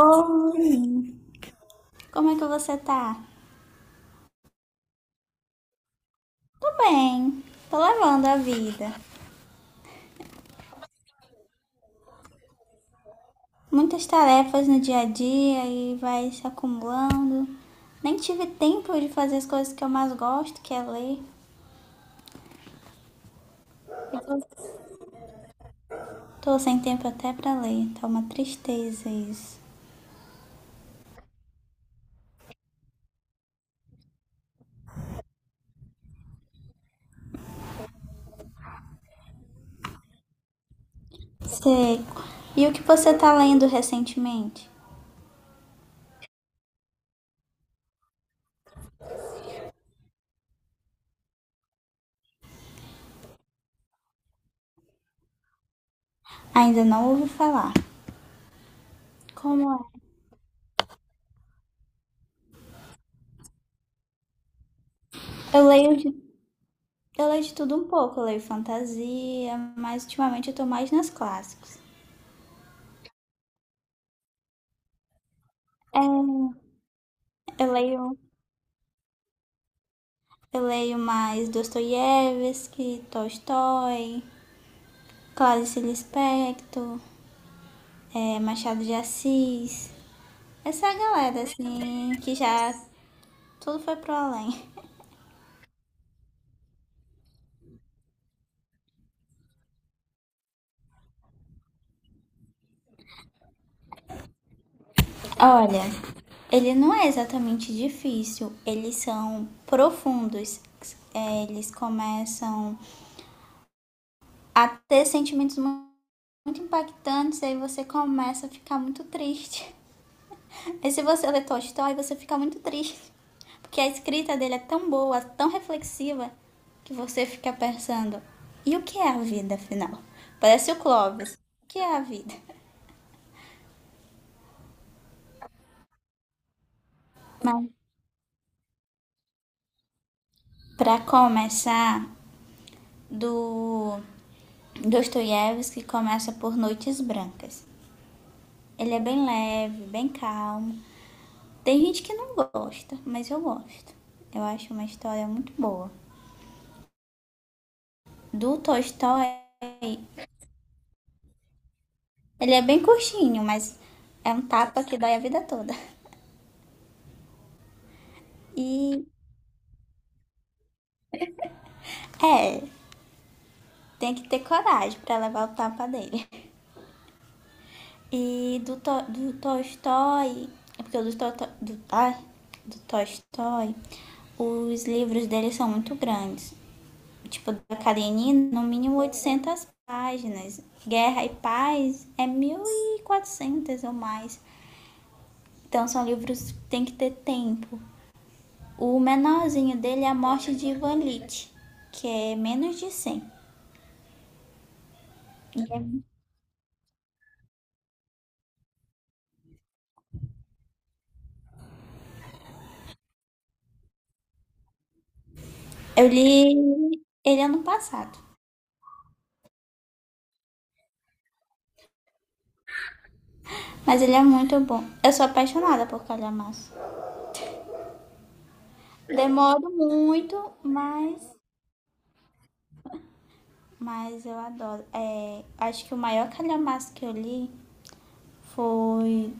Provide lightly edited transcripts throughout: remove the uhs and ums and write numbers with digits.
Oi, como é que você tá? Tô bem, tô levando a vida. Muitas tarefas no dia a dia e vai se acumulando. Nem tive tempo de fazer as coisas que eu mais gosto, que é ler. E tô- Tô sem tempo até pra ler, tá uma tristeza isso. Sei. E o que você tá lendo recentemente? Ainda não ouvi falar. Como é? Eu leio de, eu leio de tudo um pouco. Eu leio fantasia, mas ultimamente eu tô mais nos clássicos. É, eu leio Eu leio mais Dostoiévski, Tolstói, Clarice Lispector, Machado de Assis. Essa galera, assim, que já tudo foi pro além. Olha, ele não é exatamente difícil, eles são profundos. Eles começam a ter sentimentos muito impactantes, aí você começa a ficar muito triste. E se você lê Tolstói, você fica muito triste. Porque a escrita dele é tão boa, tão reflexiva, que você fica pensando: e o que é a vida, afinal? Parece o Clóvis. O que é a vida? Mas, para começar, do Dostoiévski começa por Noites Brancas. Ele é bem leve, bem calmo. Tem gente que não gosta, mas eu gosto. Eu acho uma história muito boa. Do Tolstói, ele é bem curtinho, mas é um tapa que dói a vida toda. E é, tem que ter coragem pra levar o tapa dele. E do Tolstói, é porque o do, to, do, ai, do Tolstói, os livros dele são muito grandes. Tipo, da Karenina, no mínimo 800 páginas. Guerra e Paz é 1.400 ou mais. Então, são livros que tem que ter tempo. O menorzinho dele é a morte de Ivan Lit, que é menos de 100. Eu li ele ano passado, mas ele é muito bom. Eu sou apaixonada por calhamaço. Demoro muito, mas, mas eu adoro. É, acho que o maior calhamaço que eu li foi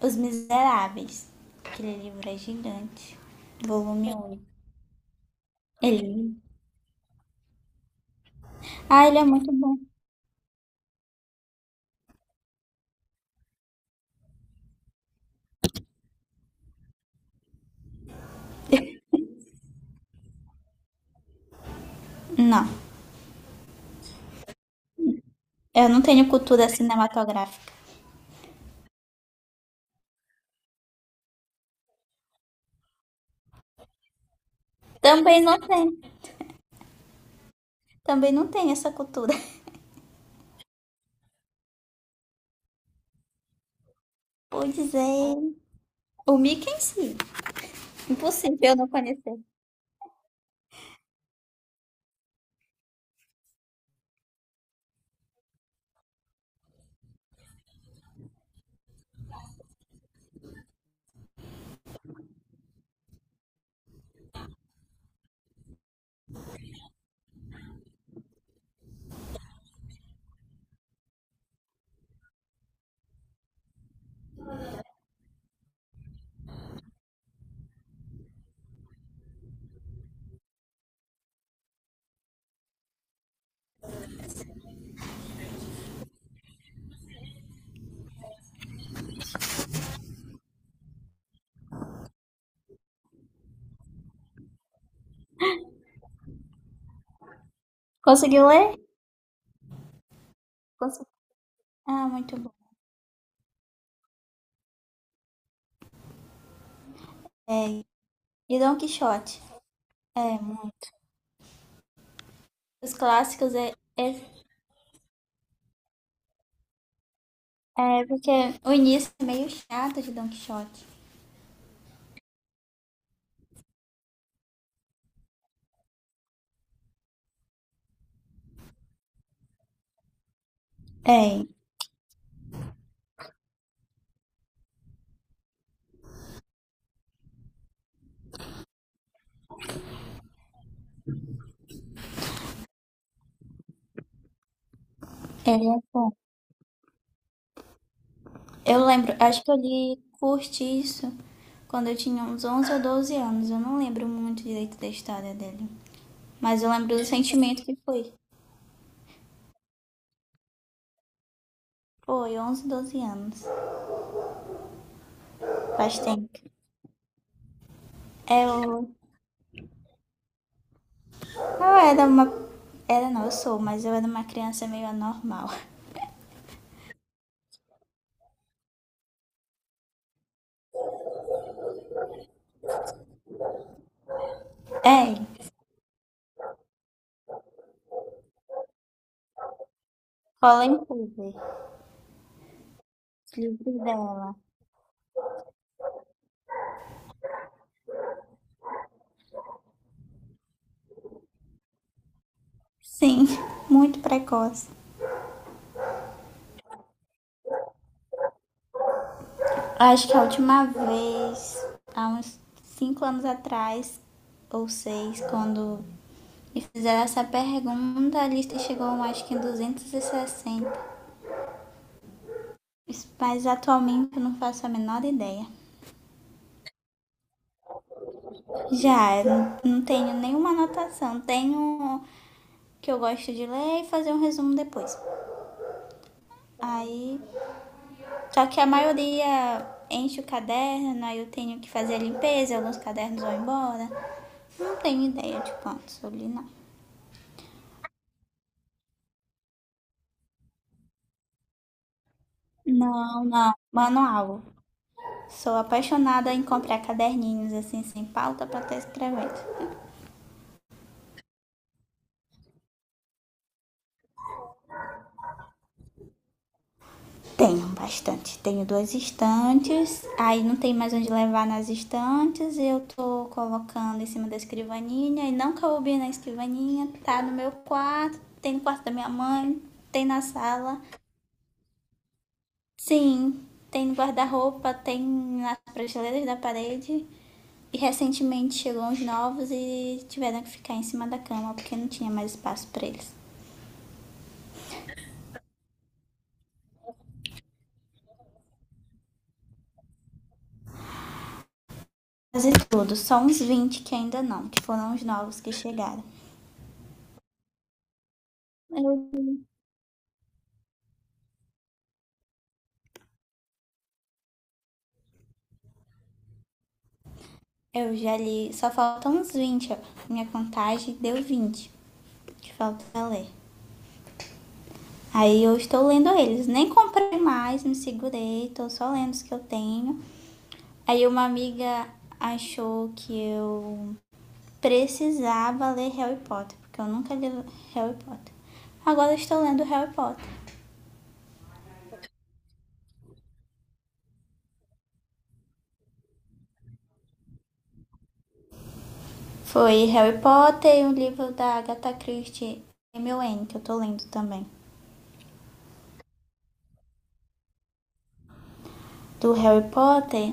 Os Miseráveis. Aquele livro é gigante, volume 1. Ele... Ah, ele é muito bom. Não, eu não tenho cultura cinematográfica. Também não tenho. Também não tem essa cultura. Pois é. O Mickey em si. Impossível não conhecer. Conseguiu ler? Consegui. Ah, muito bom. E Don Quixote. É, muito. Os clássicos é, é porque o início é meio chato de Don Quixote. É, ele é bom. Eu lembro, acho que eu li Curtiço quando eu tinha uns 11 ou 12 anos. Eu não lembro muito direito da história dele. Mas eu lembro do sentimento que foi. Foi 11 12 anos. Faz tempo. É o Eu era uma. Era não, eu sou, mas eu era uma criança meio anormal. É, cola em tudo. Livre dela. Sim, muito precoce. Acho que a última vez, há uns 5 anos atrás, ou 6, quando me fizeram essa pergunta, a lista chegou acho que em 260. Mas atualmente eu não faço a menor ideia. Já, não tenho nenhuma anotação. Tenho o que eu gosto de ler e fazer um resumo depois. Aí, só que a maioria enche o caderno, aí eu tenho que fazer a limpeza, alguns cadernos vão embora. Não tenho ideia de quantos eu li, não. Não, não. Manual. Sou apaixonada em comprar caderninhos assim, sem pauta pra estar escrevendo. Tenho bastante. Tenho duas estantes, aí não tem mais onde levar nas estantes, e eu tô colocando em cima da escrivaninha, e não coube na escrivaninha, tá no meu quarto, tem no quarto da minha mãe, tem na sala. Sim, tem no guarda-roupa, tem nas prateleiras da parede. E recentemente chegou uns novos e tiveram que ficar em cima da cama porque não tinha mais espaço para eles. Quase tudo, só uns 20 que ainda não, que foram os novos que chegaram. Eu, eu já li, só faltam uns 20 ó. Minha contagem deu 20 que falta pra ler. Aí eu estou lendo eles, nem comprei mais, me segurei, estou só lendo os que eu tenho. Aí uma amiga achou que eu precisava ler Harry Potter, porque eu nunca li Harry Potter. Agora estou lendo Harry Potter. Foi Harry Potter e um livro da Agatha Christie, M O N que eu estou lendo também. Do Harry Potter,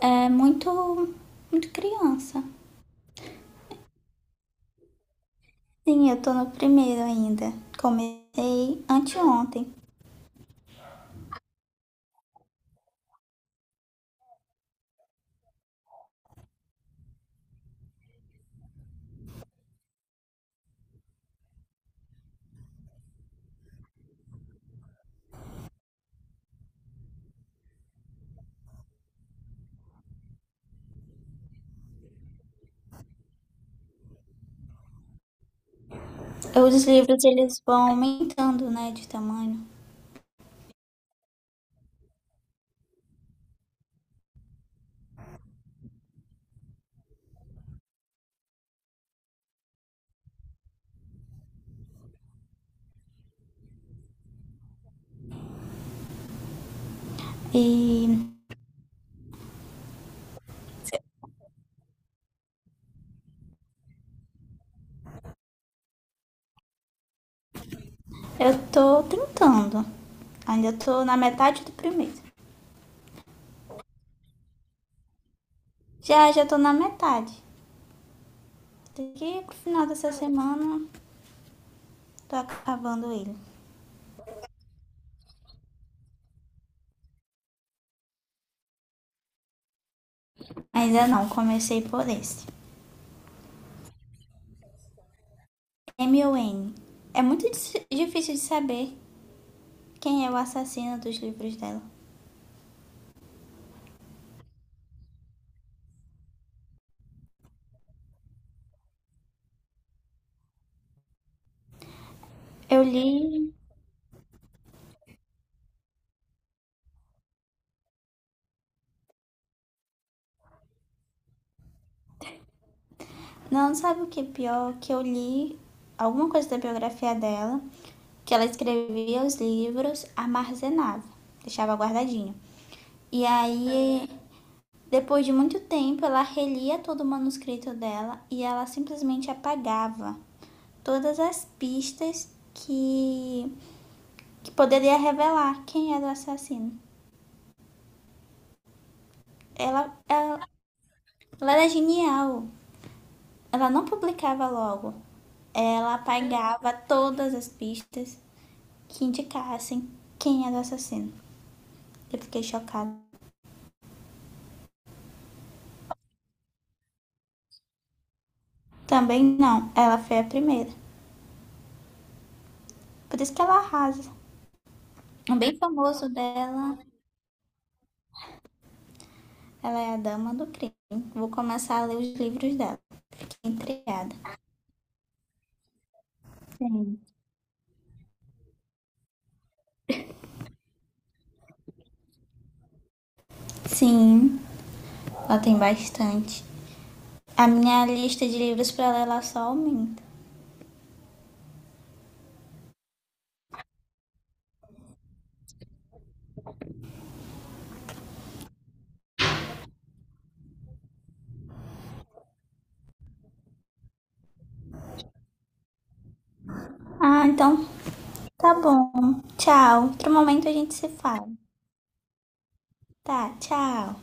é muito, muito criança. Sim, eu estou no primeiro ainda. Comecei anteontem. Os livros, eles vão aumentando, né, de tamanho. E eu estou tentando. Ainda estou na metade do primeiro. Já estou na metade. Daqui pro final dessa semana, tô acabando ele. Ainda não, comecei por esse. M o N. É muito difícil de saber quem é o assassino dos livros dela. Eu li. Não, sabe o que é pior? Que eu li alguma coisa da biografia dela, que ela escrevia os livros, armazenava, deixava guardadinho. E aí, depois de muito tempo, ela relia todo o manuscrito dela e ela simplesmente apagava todas as pistas que, que poderia revelar quem era o assassino. Ela, ela, ela era genial. Ela não publicava logo. Ela apagava todas as pistas que indicassem quem era o assassino. Eu fiquei chocada. Também não, ela foi a primeira. Por isso que ela arrasa. Um bem famoso dela, ela é a dama do crime. Vou começar a ler os livros dela. Que é Sim. Sim, ela tem bastante. A minha lista de livros para ler ela só aumenta. Ah, então tá bom. Tchau. Outro momento a gente se fala. Tá, tchau.